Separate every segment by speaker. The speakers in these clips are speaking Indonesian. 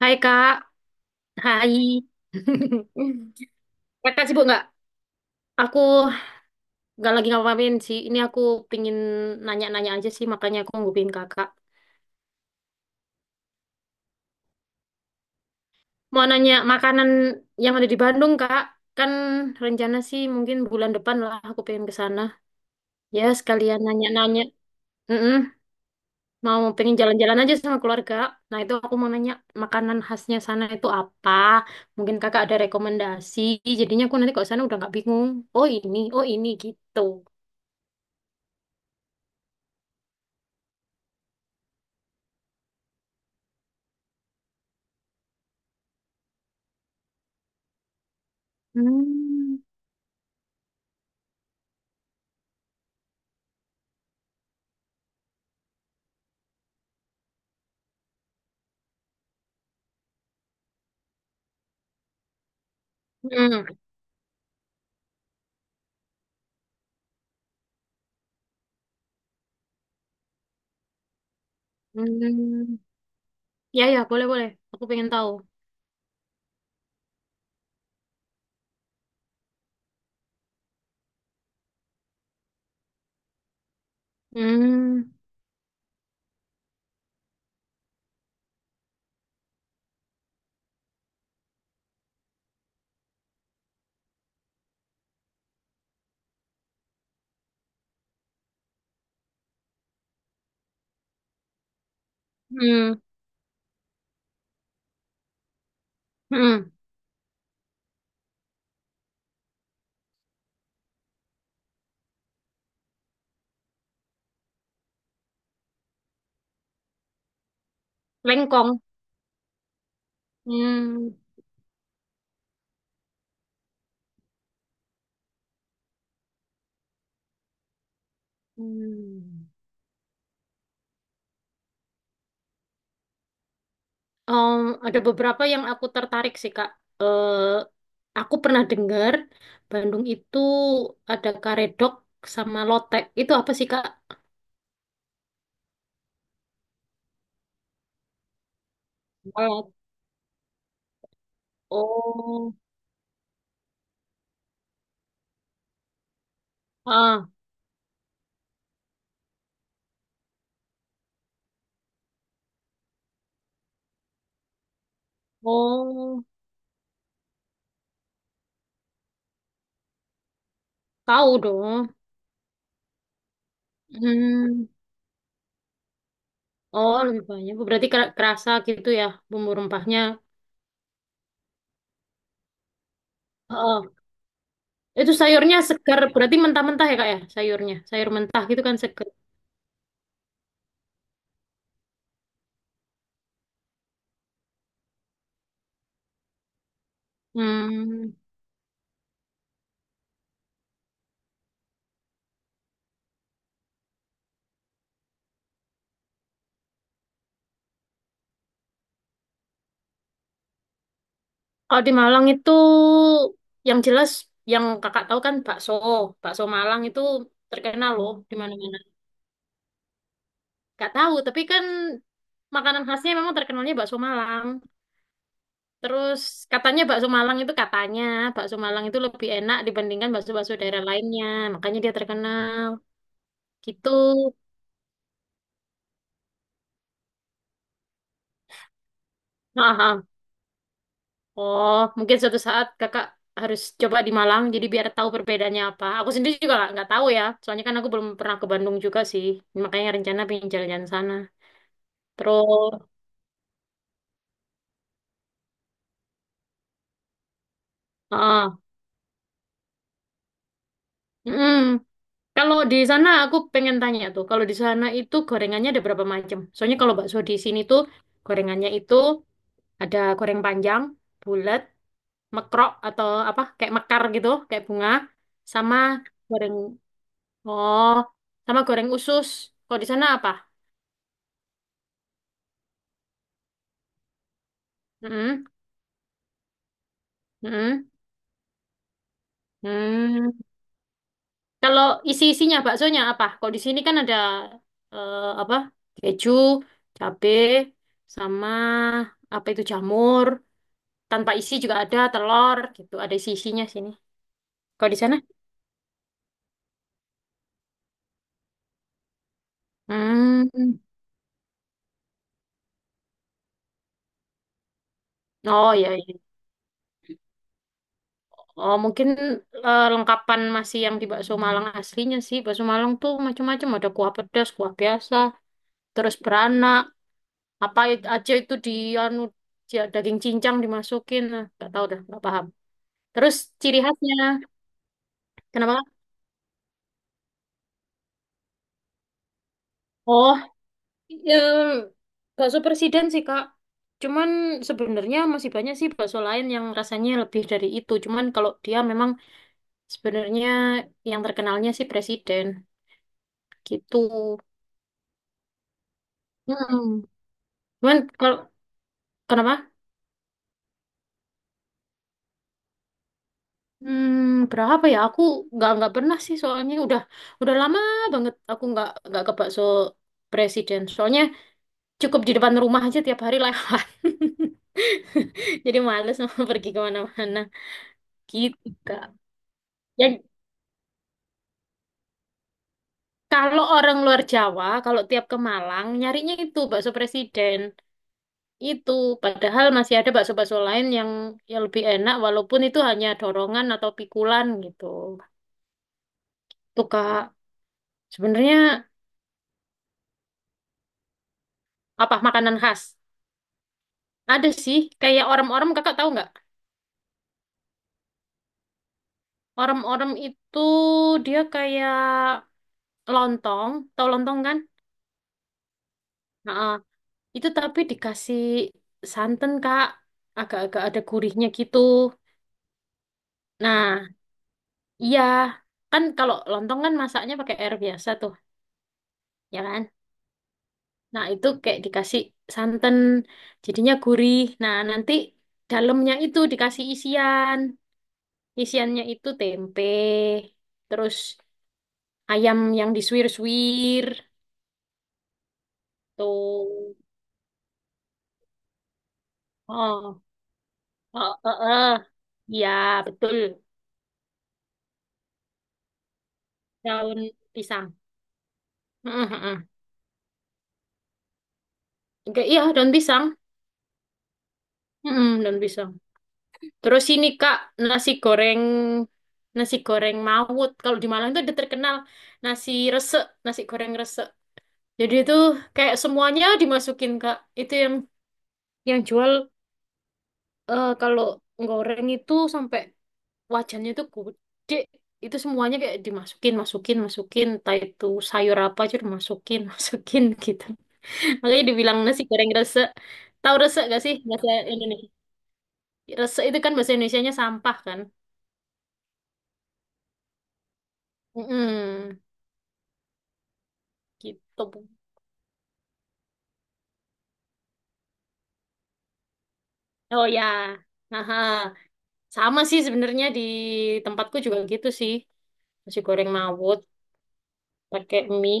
Speaker 1: Hai Kak, hai. Kakak sibuk nggak? Aku nggak lagi ngapain sih. Ini aku pingin nanya-nanya aja sih, makanya aku ngupin Kakak. Mau nanya makanan yang ada di Bandung, Kak. Kan rencana sih mungkin bulan depan lah aku pengen ke sana. Ya, sekalian nanya-nanya. Mm-mm. Mau pengen jalan-jalan aja sama keluarga. Nah, itu aku mau nanya makanan khasnya sana itu apa? Mungkin Kakak ada rekomendasi. Jadinya aku nanti kalau sana udah nggak bingung. Oh ini gitu. Hmm, hmm, hmm. Ya ya boleh boleh. Aku pengen tahu. Hmm, hmm, hmm. Lengkong. Hmm, hmm. Em, ada beberapa yang aku tertarik sih Kak. Eh, aku pernah dengar Bandung itu ada karedok sama lotek. Itu apa sih Kak? Oh, oh, ah, oh, tahu dong. Hmm, oh lebih banyak. Berarti kerasa gitu ya bumbu rempahnya. Itu sayurnya segar, berarti mentah-mentah ya kak ya sayurnya. Sayur mentah gitu kan segar. Hmm. Kalau di Malang itu yang jelas yang kakak tahu kan bakso. Bakso Malang itu terkenal loh di mana-mana. Gak tahu, tapi kan makanan khasnya memang terkenalnya bakso Malang. Terus katanya bakso Malang itu lebih enak dibandingkan bakso-bakso daerah lainnya. Makanya dia terkenal. Gitu. Nah, oh, mungkin suatu saat kakak harus coba di Malang, jadi biar tahu perbedaannya apa. Aku sendiri juga nggak tahu ya, soalnya kan aku belum pernah ke Bandung juga sih. Makanya rencana pengen jalan-jalan sana. Terus, ah, mm, kalau di sana aku pengen tanya tuh, kalau di sana itu gorengannya ada berapa macam? Soalnya kalau bakso di sini tuh gorengannya itu ada goreng panjang, bulat, mekrok atau apa kayak mekar gitu, kayak bunga, sama goreng, oh, sama goreng usus. Kalau di sana apa? Mm-mm. Hmm. Hmm. Kalau isi-isinya baksonya apa? Kalau di sini kan ada eh, apa? Keju, cabe, sama apa itu jamur. Tanpa isi juga ada telur gitu. Ada isi-isinya sini. Kalau di sana? Hmm. Oh iya, iya. Oh mungkin eh, lengkapan masih yang di bakso Malang aslinya sih. Bakso Malang tuh macam-macam. Ada kuah pedas, kuah biasa, terus beranak. Apa aja itu di anu, daging cincang dimasukin. Nah, nggak tahu dah, nggak paham. Terus ciri khasnya, kenapa Kak? Oh, em, bakso presiden sih Kak. Cuman sebenarnya masih banyak sih bakso lain yang rasanya lebih dari itu. Cuman kalau dia memang sebenarnya yang terkenalnya sih presiden gitu. Hmm. Cuman kalau kenapa? Hmm, berapa ya? Aku nggak pernah sih soalnya udah lama banget aku nggak ke bakso presiden. Soalnya cukup di depan rumah aja tiap hari lewat. Jadi males mau pergi kemana-mana. Gitu, Kak. Ya, kalau orang luar Jawa, kalau tiap ke Malang, nyarinya itu bakso presiden. Itu, padahal masih ada bakso-bakso lain yang lebih enak, walaupun itu hanya dorongan atau pikulan gitu. Tuh, Kak, sebenarnya apa makanan khas? Ada sih, kayak orang-orang, kakak tahu nggak? Orang-orang itu dia kayak lontong, tahu lontong kan? Nah, itu tapi dikasih santan, Kak. Agak-agak ada gurihnya gitu. Nah, iya, kan kalau lontong kan masaknya pakai air biasa tuh, ya kan? Nah, itu kayak dikasih santan, jadinya gurih. Nah, nanti dalamnya itu dikasih isian. Isiannya itu tempe, terus ayam yang disuir-suir, tuh. Oh, oh, oh, oh. Iya, betul. Daun pisang. Mm, mm, mm. Oke, iya, daun pisang. Mm, mm, daun pisang. Terus ini Kak, nasi goreng nasi goreng Mawut. Kalau di Malang itu udah terkenal nasi resek, nasi goreng resek. Jadi itu kayak semuanya dimasukin Kak. Itu yang jual eh, kalau goreng itu sampai wajannya itu gede. Itu semuanya kayak dimasukin, masukin, masukin. Entah itu sayur apa aja dimasukin, masukin gitu. Makanya dibilang nasi goreng resek. Tahu resek gak sih bahasa Indonesia? Resek itu kan bahasa Indonesianya sampah kan. Mm-mm. Gitu. Oh ya, haha. Sama sih sebenarnya di tempatku juga gitu sih. Nasi goreng mawut pakai mie.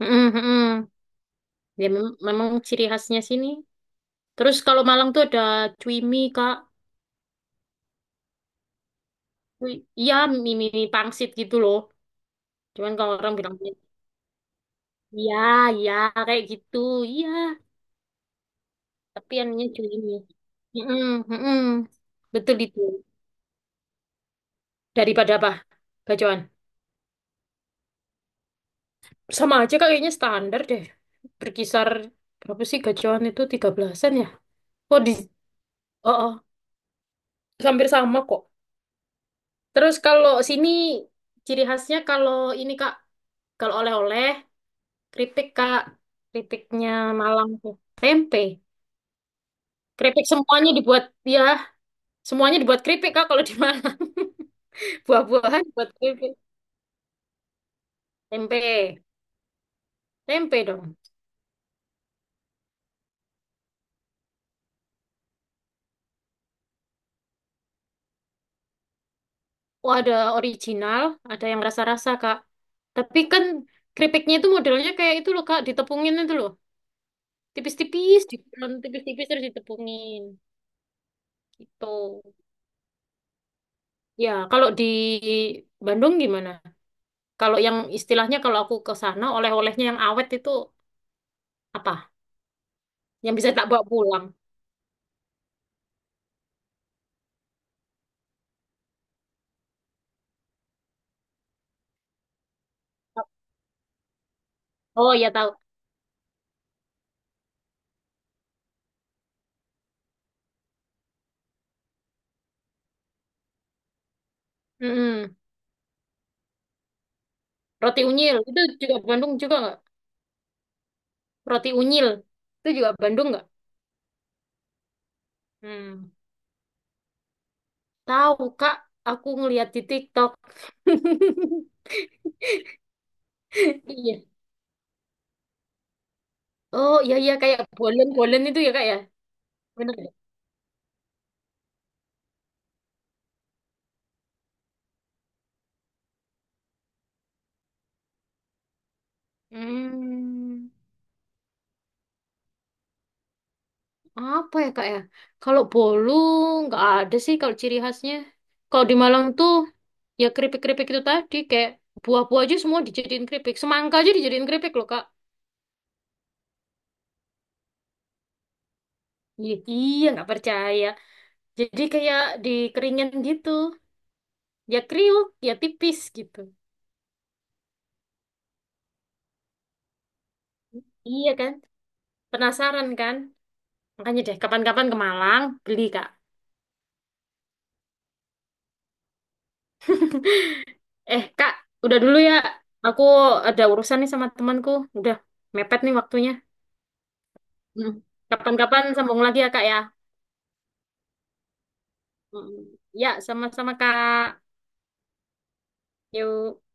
Speaker 1: Mm-mm, mm mm. Ya memang ciri khasnya sini. Terus kalau Malang tuh ada cui mie, Kak. Cui, iya, mie pangsit gitu loh. Cuman kalau orang bilang iya, iya kayak gitu. Iya, tapi yang namanya cui mie. Mm-mm, mm-mm. Betul itu. Daripada apa? Bacoan. Sama aja kayaknya standar deh. Berkisar berapa sih gajian itu 13-an ya? Oh di Oh, oh, hampir sama kok. Terus kalau sini ciri khasnya kalau ini Kak, kalau oleh-oleh keripik Kak, keripiknya Malang tuh. Tempe. Keripik semuanya dibuat ya, semuanya dibuat keripik Kak kalau di Malang. Buah-buahan buat keripik. Tempe. Tempe dong. Oh, ada original, ada yang rasa-rasa, Kak. Tapi kan keripiknya itu modelnya kayak itu loh, Kak, ditepungin itu loh. Tipis-tipis, diperon tipis-tipis terus ditepungin. Gitu. Ya, kalau di Bandung gimana? Kalau yang istilahnya kalau aku ke sana, oleh-olehnya yang awet itu apa? Yang bisa tak bawa pulang. Oh, ya tahu. Mm-mm. Roti unyil, itu juga Bandung juga nggak? Roti unyil, itu juga Bandung nggak? Hmm. Tahu, Kak. Aku ngeliat di TikTok. Iya. Oh iya iya kayak bolen-bolen itu ya kak ya. Bener ya? Hmm, apa ya kak ya? Kalau bolu nggak ada sih kalau ciri khasnya. Kalau di Malang tuh ya keripik-keripik itu tadi kayak buah-buah aja semua dijadiin keripik. Semangka aja dijadiin keripik loh kak. Iya, iya nggak percaya. Jadi kayak dikeringin gitu. Ya kriuk, ya tipis gitu. Iya kan? Penasaran kan? Makanya deh kapan-kapan ke Malang beli kak. Eh, Kak, udah dulu ya. Aku ada urusan nih sama temanku. Udah mepet nih waktunya. Hmm. Kapan-kapan sambung lagi ya, Kak ya. Mm, ya, sama-sama, Kak. Yuk.